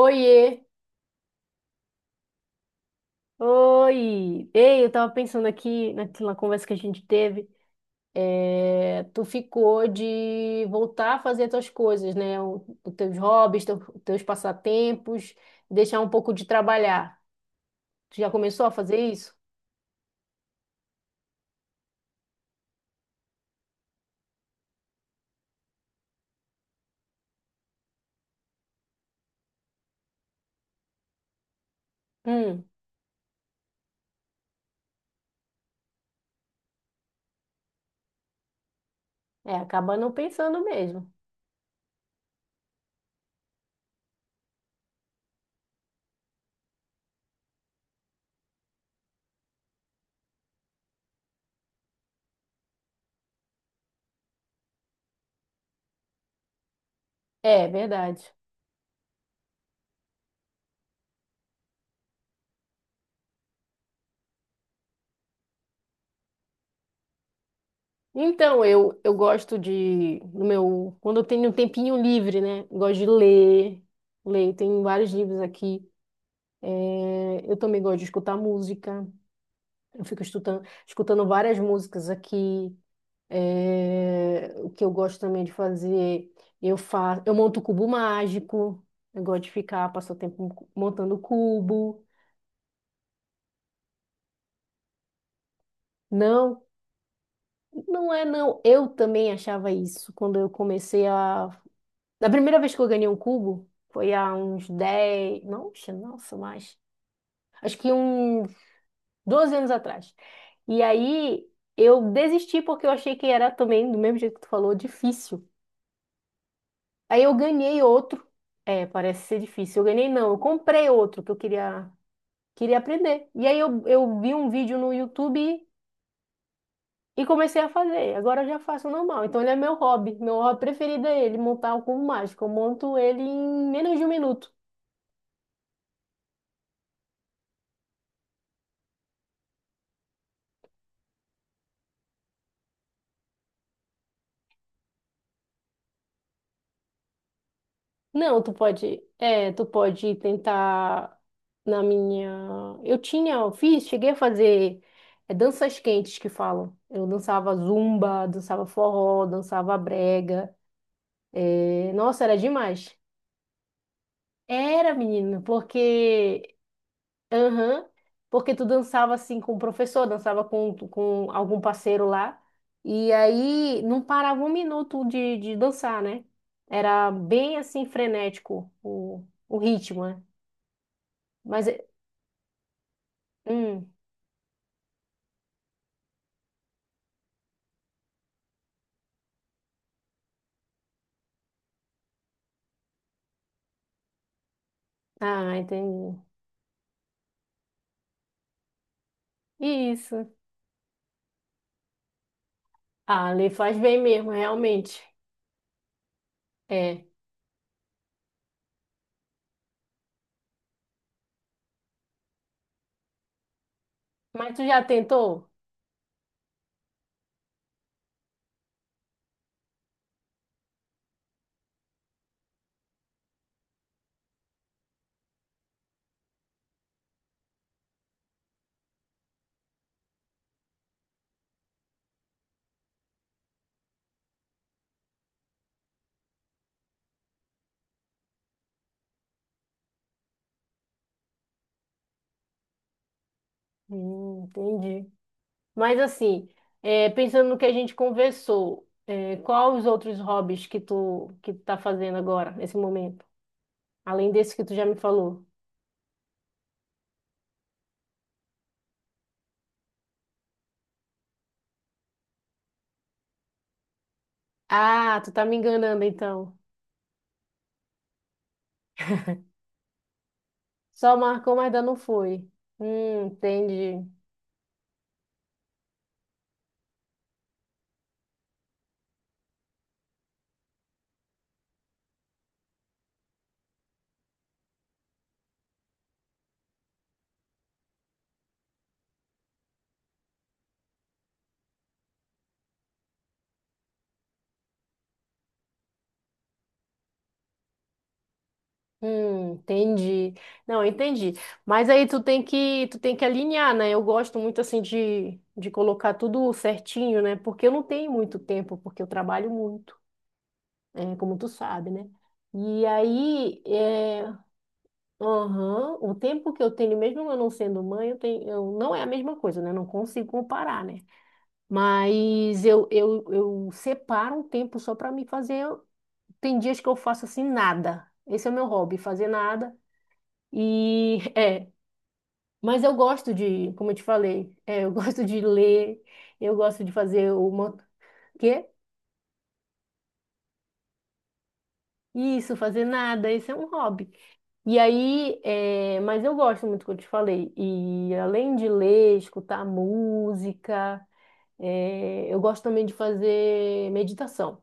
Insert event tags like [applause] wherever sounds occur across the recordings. Oiê! Oi! Ei, eu tava pensando aqui naquela conversa que a gente teve. Tu ficou de voltar a fazer tuas coisas, né? Os teus hobbies, teus passatempos, deixar um pouco de trabalhar. Tu já começou a fazer isso? Hum, é, acaba não pensando mesmo. É, verdade. Então, eu gosto de, no meu, quando eu tenho um tempinho livre, né? Gosto de ler, tem vários livros aqui. É, eu também gosto de escutar música. Eu fico escutando várias músicas aqui. É, o que eu gosto também de fazer, eu monto cubo mágico. Eu gosto de ficar, passar o tempo montando cubo. Não, não é não. Eu também achava isso quando eu comecei a. Da primeira vez que eu ganhei um cubo, foi há uns 10. Nossa, nossa, mais. Acho que uns 12 anos atrás. E aí eu desisti porque eu achei que era também, do mesmo jeito que tu falou, difícil. Aí eu ganhei outro. É, parece ser difícil. Eu ganhei não, eu comprei outro que eu queria aprender. E aí eu vi um vídeo no YouTube e comecei a fazer. Agora eu já faço normal. Então ele é meu hobby. Meu hobby preferido é ele, montar o cubo mágico. Eu monto ele em menos de um minuto. Não, tu pode, tu pode tentar na minha. Eu fiz, cheguei a fazer danças quentes que falam. Eu dançava zumba, dançava forró, dançava brega. É, nossa, era demais. Era, menina, porque, aham, porque tu dançava assim com o professor, dançava com algum parceiro lá. E aí não parava um minuto de dançar, né? Era bem assim frenético o ritmo, né? Mas, é- hum, ah, entendi. Isso. Ah, ali faz bem mesmo, realmente. É. Mas tu já tentou? Entendi. Mas assim, pensando no que a gente conversou, é, qual os outros hobbies que tu tá fazendo agora, nesse momento? Além desse que tu já me falou. Ah, tu tá me enganando então. Só marcou, mas ainda não foi. Entendi. Entendi. Não, entendi. Mas aí tu tem que alinhar, né? Eu gosto muito assim de colocar tudo certinho, né? Porque eu não tenho muito tempo, porque eu trabalho muito, é, como tu sabe, né? E aí, é, aham, o tempo que eu tenho, mesmo eu não sendo mãe, eu tenho, eu, não é a mesma coisa, né? Eu não consigo comparar, né? Mas eu separo um tempo só para me fazer. Tem dias que eu faço assim nada. Esse é o meu hobby, fazer nada. E é, mas eu gosto de, como eu te falei, é, eu [laughs] gosto de ler, eu gosto de fazer uma quê? Isso, fazer nada, isso é um hobby. E aí, é, mas eu gosto muito do que eu te falei. E além de ler, escutar música, é, eu gosto também de fazer meditação.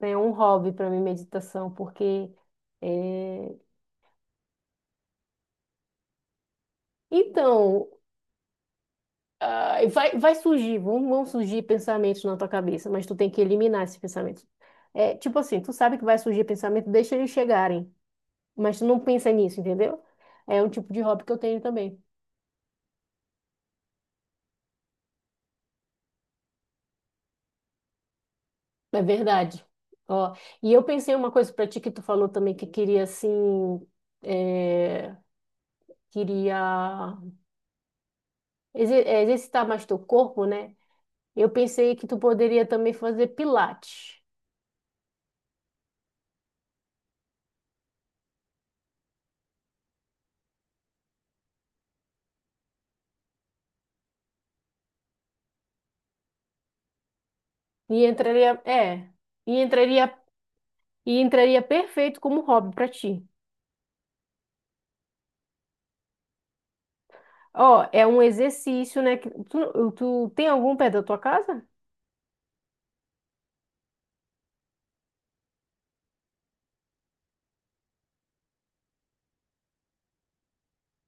É um hobby para mim meditação, porque é, então Ah, e vai surgir, vão surgir pensamentos na tua cabeça, mas tu tem que eliminar esses pensamentos. É, tipo assim, tu sabe que vai surgir pensamento, deixa eles chegarem, mas tu não pensa nisso, entendeu? É um tipo de hobby que eu tenho também. É verdade. Ó, e eu pensei uma coisa pra ti que tu falou também que queria assim, é, queria exercitar mais teu corpo, né? Eu pensei que tu poderia também fazer pilates. E entraria, é, e entraria e entraria perfeito como hobby pra ti. Ó, é um exercício, né? Tu, tu tem algum perto da tua casa?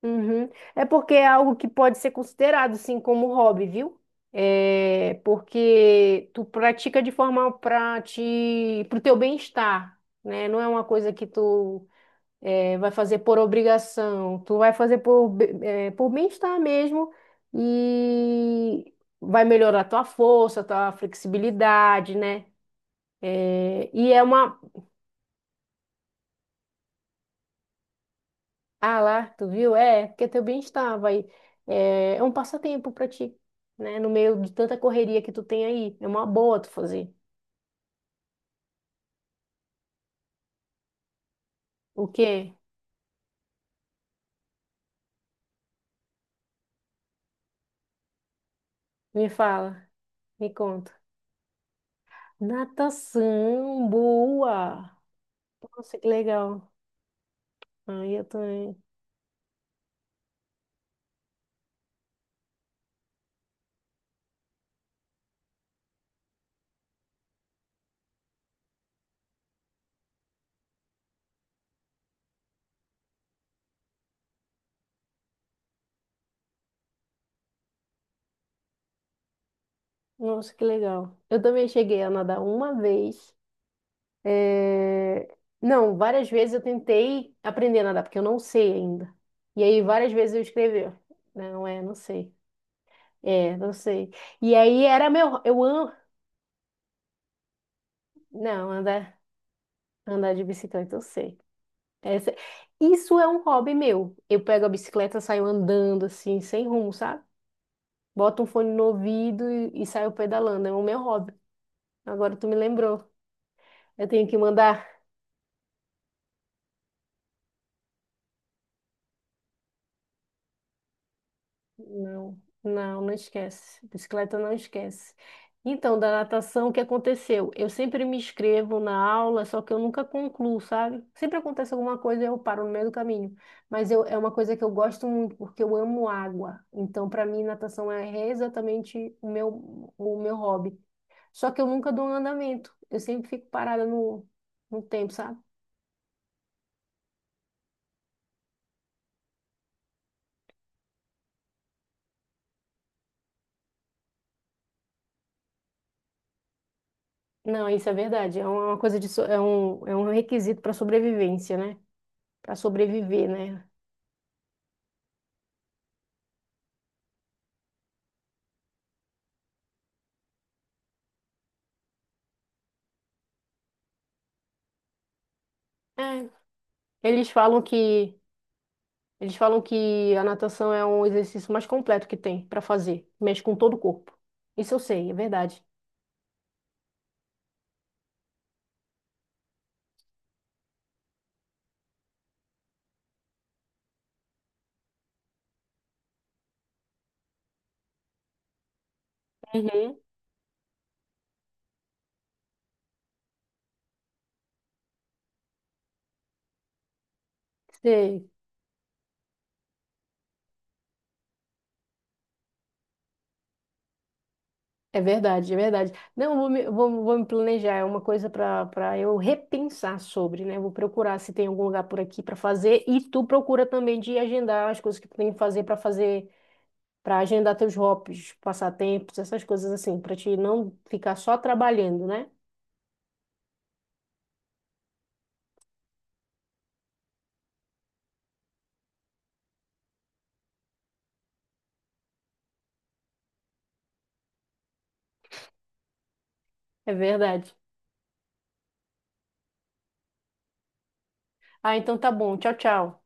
Uhum. É porque é algo que pode ser considerado, sim, como hobby, viu? É porque tu pratica de forma para te, pro teu bem-estar, né? Não é uma coisa que vai fazer por obrigação. Tu vai fazer por bem-estar mesmo e vai melhorar tua força, tua flexibilidade, né? É, e é uma ah, lá, tu viu? É, porque teu bem-estar vai. É, é um passatempo pra ti, né? No meio de tanta correria que tu tem aí. É uma boa tu fazer. O quê? Me fala, me conta. Natação, boa! Nossa, que legal. Aí eu também. Nossa, que legal. Eu também cheguei a nadar uma vez. É, não, várias vezes eu tentei aprender a nadar, porque eu não sei ainda. E aí várias vezes eu escrevi. Não é, não sei. É, não sei. E aí era meu. Eu amo. Não, andar de bicicleta, eu sei. Essa- Isso é um hobby meu. Eu pego a bicicleta, saio andando assim, sem rumo, sabe? Boto um fone no ouvido e saio pedalando. É o meu hobby. Agora tu me lembrou. Eu tenho que mandar não, não esquece. Bicicleta não esquece. Então, da natação, o que aconteceu? Eu sempre me inscrevo na aula, só que eu nunca concluo, sabe? Sempre acontece alguma coisa e eu paro no meio do caminho. Mas eu, é uma coisa que eu gosto muito, porque eu amo água. Então, para mim, natação é exatamente o meu hobby. Só que eu nunca dou um andamento. Eu sempre fico parada no tempo, sabe? Não, isso é verdade. É uma coisa de, é é um requisito para sobrevivência, né? Para sobreviver, né? É. Eles falam que eles falam que a natação é um exercício mais completo que tem para fazer, mexe com todo o corpo. Isso eu sei, é verdade. Uhum. Sei, é verdade, é verdade. Não, eu vou, vou me planejar, é uma coisa para eu repensar sobre, né? Vou procurar se tem algum lugar por aqui para fazer e tu procura também de agendar as coisas que tu tem que fazer para fazer, para agendar teus hobbies, passatempos, essas coisas assim, para te não ficar só trabalhando, né? É verdade. Ah, então tá bom. Tchau, tchau.